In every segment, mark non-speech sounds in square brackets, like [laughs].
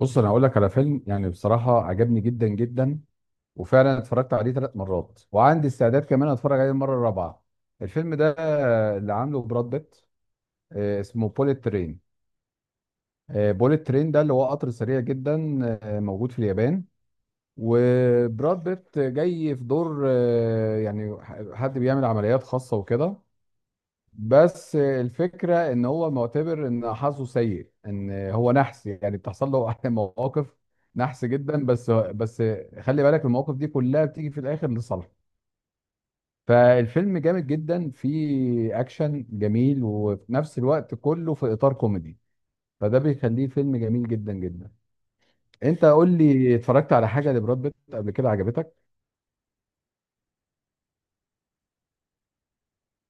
بص، انا هقول لك على فيلم يعني بصراحه عجبني جدا جدا. وفعلا اتفرجت عليه 3 مرات وعندي استعداد كمان اتفرج عليه المره الرابعه. الفيلم ده اللي عامله براد بيت، اسمه بوليت ترين. بوليت ترين ده اللي هو قطر سريع جدا، موجود في اليابان. وبراد بيت جاي في دور، يعني حد بيعمل عمليات خاصه وكده. بس الفكره ان هو معتبر ان حظه سيء، ان هو نحس، يعني بتحصل له [laughs] مواقف نحس جدا. بس خلي بالك المواقف دي كلها بتيجي في الاخر لصالحه. فالفيلم جامد جدا، فيه اكشن جميل وفي نفس الوقت كله في اطار كوميدي. فده بيخليه فيلم جميل جدا جدا. انت قول لي، اتفرجت على حاجه لبراد بيت قبل كده عجبتك؟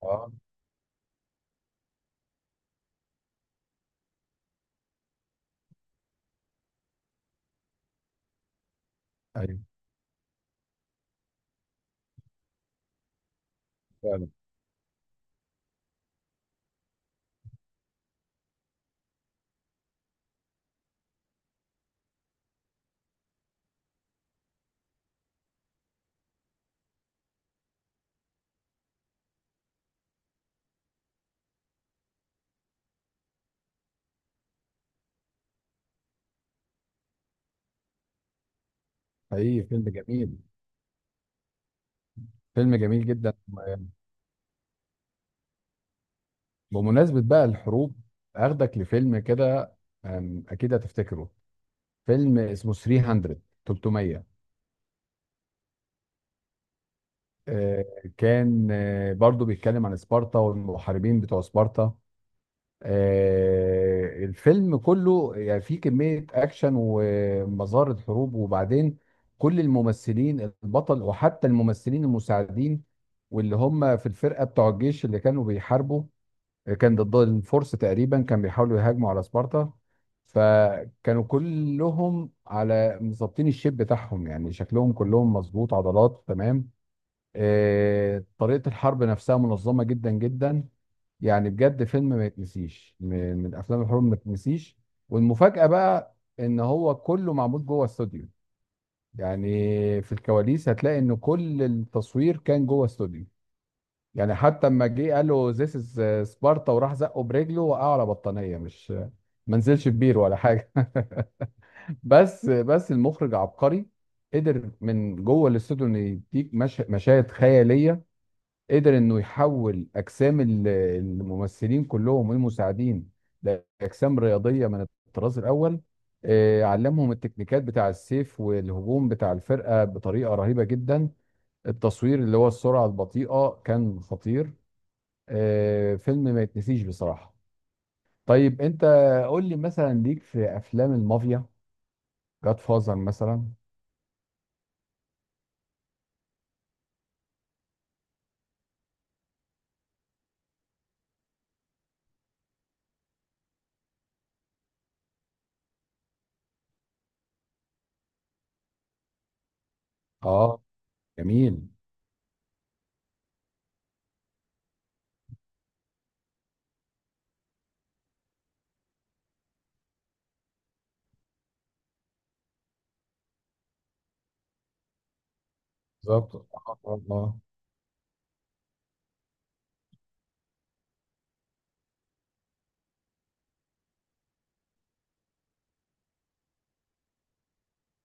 اه، ايوه فعلا. حقيقي فيلم جميل. فيلم جميل جدا. بمناسبة بقى الحروب، هاخدك لفيلم كده، أكيد هتفتكره. فيلم اسمه 300. 300. آه، كان، برضو بيتكلم عن سبارتا والمحاربين بتوع سبارتا. الفيلم كله يعني فيه كمية أكشن ومظاهر حروب. وبعدين كل الممثلين، البطل وحتى الممثلين المساعدين واللي هم في الفرقة بتوع الجيش اللي كانوا بيحاربوا، كان ضد الفرس تقريبا، كان بيحاولوا يهاجموا على سبارتا. فكانوا كلهم على مظبطين الشيب بتاعهم، يعني شكلهم كلهم مظبوط، عضلات تمام. طريقة الحرب نفسها منظمة جدا جدا. يعني بجد فيلم ما يتنسيش، من افلام الحروب ما يتنسيش. والمفاجأة بقى ان هو كله معمول جوه استوديو. يعني في الكواليس هتلاقي ان كل التصوير كان جوه استوديو. يعني حتى لما جه قال له ذيس از سبارتا وراح زقه برجله، وقعه على بطانيه، مش ما نزلش في بير ولا حاجه. [laughs] بس المخرج عبقري. قدر من جوه الاستوديو انه يديك مش... مشاهد خياليه. قدر انه يحول اجسام الممثلين كلهم والمساعدين لاجسام رياضيه من الطراز الاول. علمهم التكنيكات بتاع السيف والهجوم بتاع الفرقه بطريقه رهيبه جدا. التصوير اللي هو السرعه البطيئه كان خطير. فيلم ما يتنسيش بصراحة. طيب انت قول لي، مثلا ليك في افلام المافيا، جاد فازر مثلا؟ اه، جميل. بالظبط اه،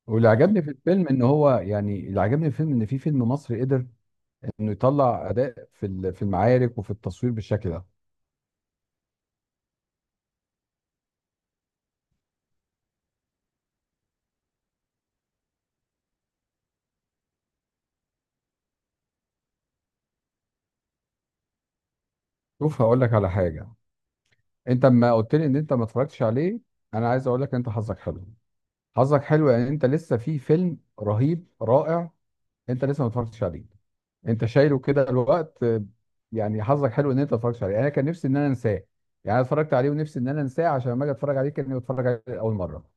واللي عجبني في الفيلم ان هو يعني، اللي عجبني في الفيلم ان في فيلم مصري قدر انه يطلع اداء في في المعارك وفي التصوير بالشكل ده. شوف، هقول لك على حاجة. انت اما قلت لي ان انت ما اتفرجتش عليه، انا عايز اقول لك انت حظك حلو. حظك حلو يعني انت لسه في فيلم رهيب رائع. انت لسه ما اتفرجتش عليه. انت شايله كده الوقت، يعني حظك حلو ان انت ما اتفرجتش عليه. يعني انا كان نفسي ان انا انساه. يعني انا اتفرجت عليه ونفسي ان انا انساه عشان لما اجي اتفرج عليه كاني بتفرج عليه لاول مره.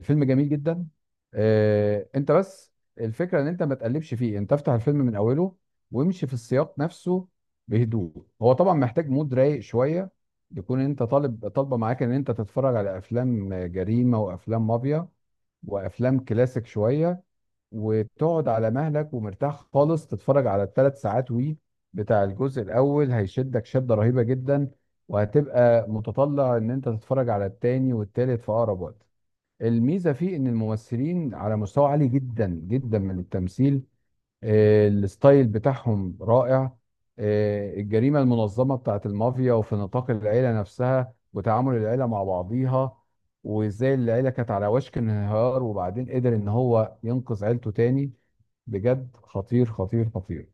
الفيلم جميل جدا. انت بس الفكره ان انت ما تقلبش فيه. انت افتح الفيلم من اوله وامشي في السياق نفسه بهدوء. هو طبعا محتاج مود رايق شويه، يكون انت طالب طالبه معاك ان انت تتفرج على افلام جريمه وافلام مافيا وافلام كلاسيك شويه، وتقعد على مهلك ومرتاح خالص تتفرج على الـ3 ساعات. وي بتاع الجزء الاول هيشدك شدة رهيبة جدا، وهتبقى متطلع ان انت تتفرج على التاني والتالت في اقرب وقت. الميزة فيه ان الممثلين على مستوى عالي جدا جدا من التمثيل. الستايل بتاعهم رائع. الجريمة المنظمة بتاعت المافيا وفي نطاق العيلة نفسها وتعامل العيلة مع بعضيها، وازاي العيلة كانت على وشك الانهيار وبعدين قدر ان هو ينقذ عيلته تاني. بجد خطير خطير خطير.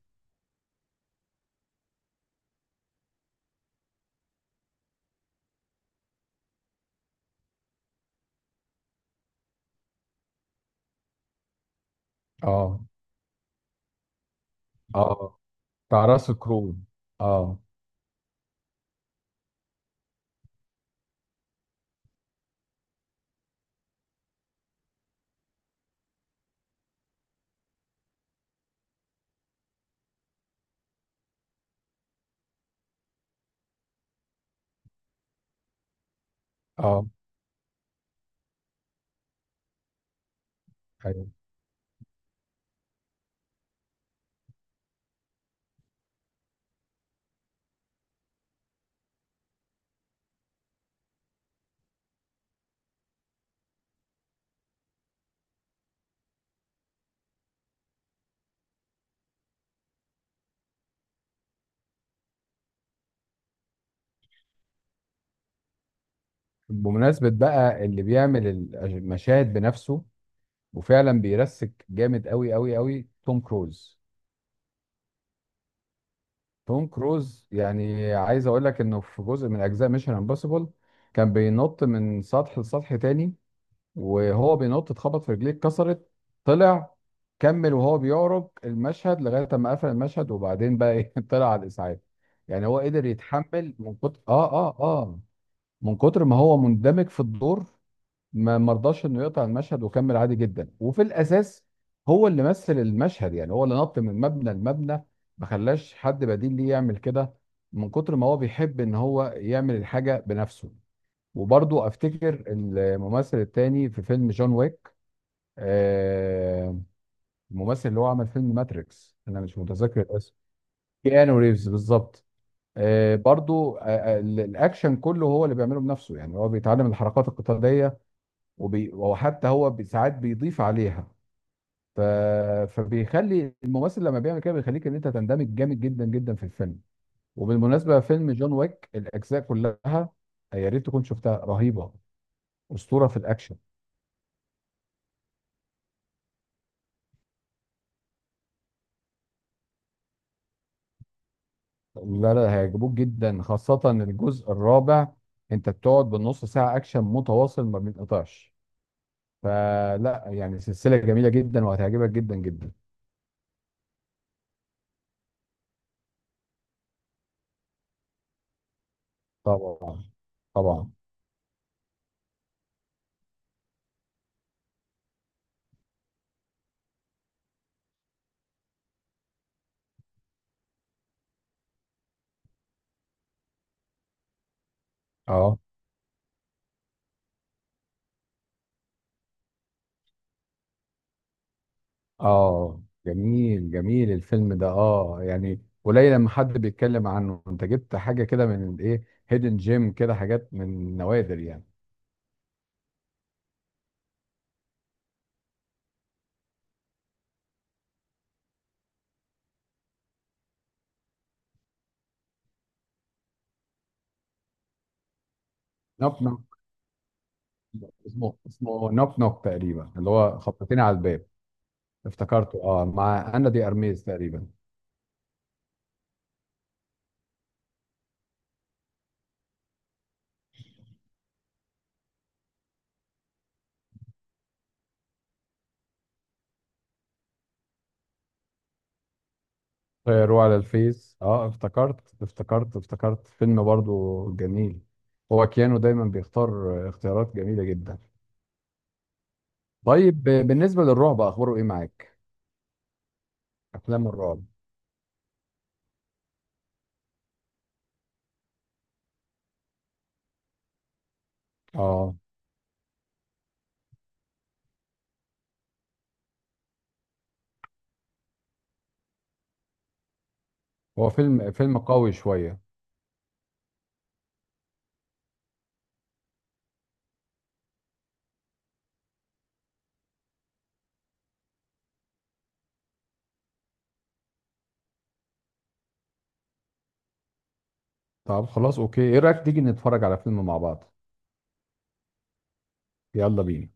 اه. اه، بتاع راس كرول. اه. اه، ايوه. بمناسبة بقى اللي بيعمل المشاهد بنفسه، وفعلا بيرسك جامد قوي قوي قوي، توم كروز. توم كروز يعني عايز اقول لك انه في جزء من اجزاء ميشن امبوسيبل كان بينط من سطح لسطح تاني، وهو بينط اتخبط، في رجليه اتكسرت، طلع كمل وهو بيعرج المشهد لغايه ما قفل المشهد، وبعدين بقى ايه، [laughs] طلع على الاسعاف. يعني هو قدر يتحمل من كتر من كتر ما هو مندمج في الدور، ما مرضاش انه يقطع المشهد وكمل عادي جدا. وفي الاساس هو اللي مثل المشهد، يعني هو اللي نط من مبنى لمبنى، ما خلاش حد بديل ليه يعمل كده، من كتر ما هو بيحب ان هو يعمل الحاجه بنفسه. وبرضه افتكر الممثل التاني في فيلم جون ويك. آه الممثل اللي هو عمل فيلم ماتريكس، انا مش متذكر الاسم. كيانو ريفز بالظبط. آه برضه آه آه، الاكشن كله هو اللي بيعمله بنفسه. يعني هو بيتعلم الحركات القتاليه وحتى هو ساعات بيضيف عليها. ف... فبيخلي الممثل لما بيعمل كده بيخليك ان انت تندمج جامد جدا جدا في الفيلم. وبالمناسبه فيلم جون ويك الاجزاء كلها، يا ريت تكون شفتها، رهيبه، اسطوره في الاكشن. لا، لا هيعجبوك جدا، خاصه الجزء الرابع. انت بتقعد بالنص ساعه اكشن متواصل ما بينقطعش. فلا يعني سلسله جميله جدا وهتعجبك جدا جدا. طبعا. طبعا. اه. اه، جميل جميل. الفيلم ده اه يعني قليل لما حد بيتكلم عنه. انت جبت حاجه كده من الايه، هيدن جيم كده، حاجات من نوادر يعني. نوك نوك. اسمه نوك نوك تقريبا، اللي هو خبطتين على الباب. افتكرته، اه، مع انا دي ارميز تقريبا. طيروا على الفيس. اه، افتكرت فيلم برضو جميل. هو كيانو دايما بيختار اختيارات جميله جدا. طيب بالنسبه للرعب، اخباره ايه معاك؟ افلام الرعب؟ اه. هو فيلم فيلم قوي شوية. طب خلاص، اوكي، ايه رأيك تيجي نتفرج على فيلم مع بعض؟ يلا بينا.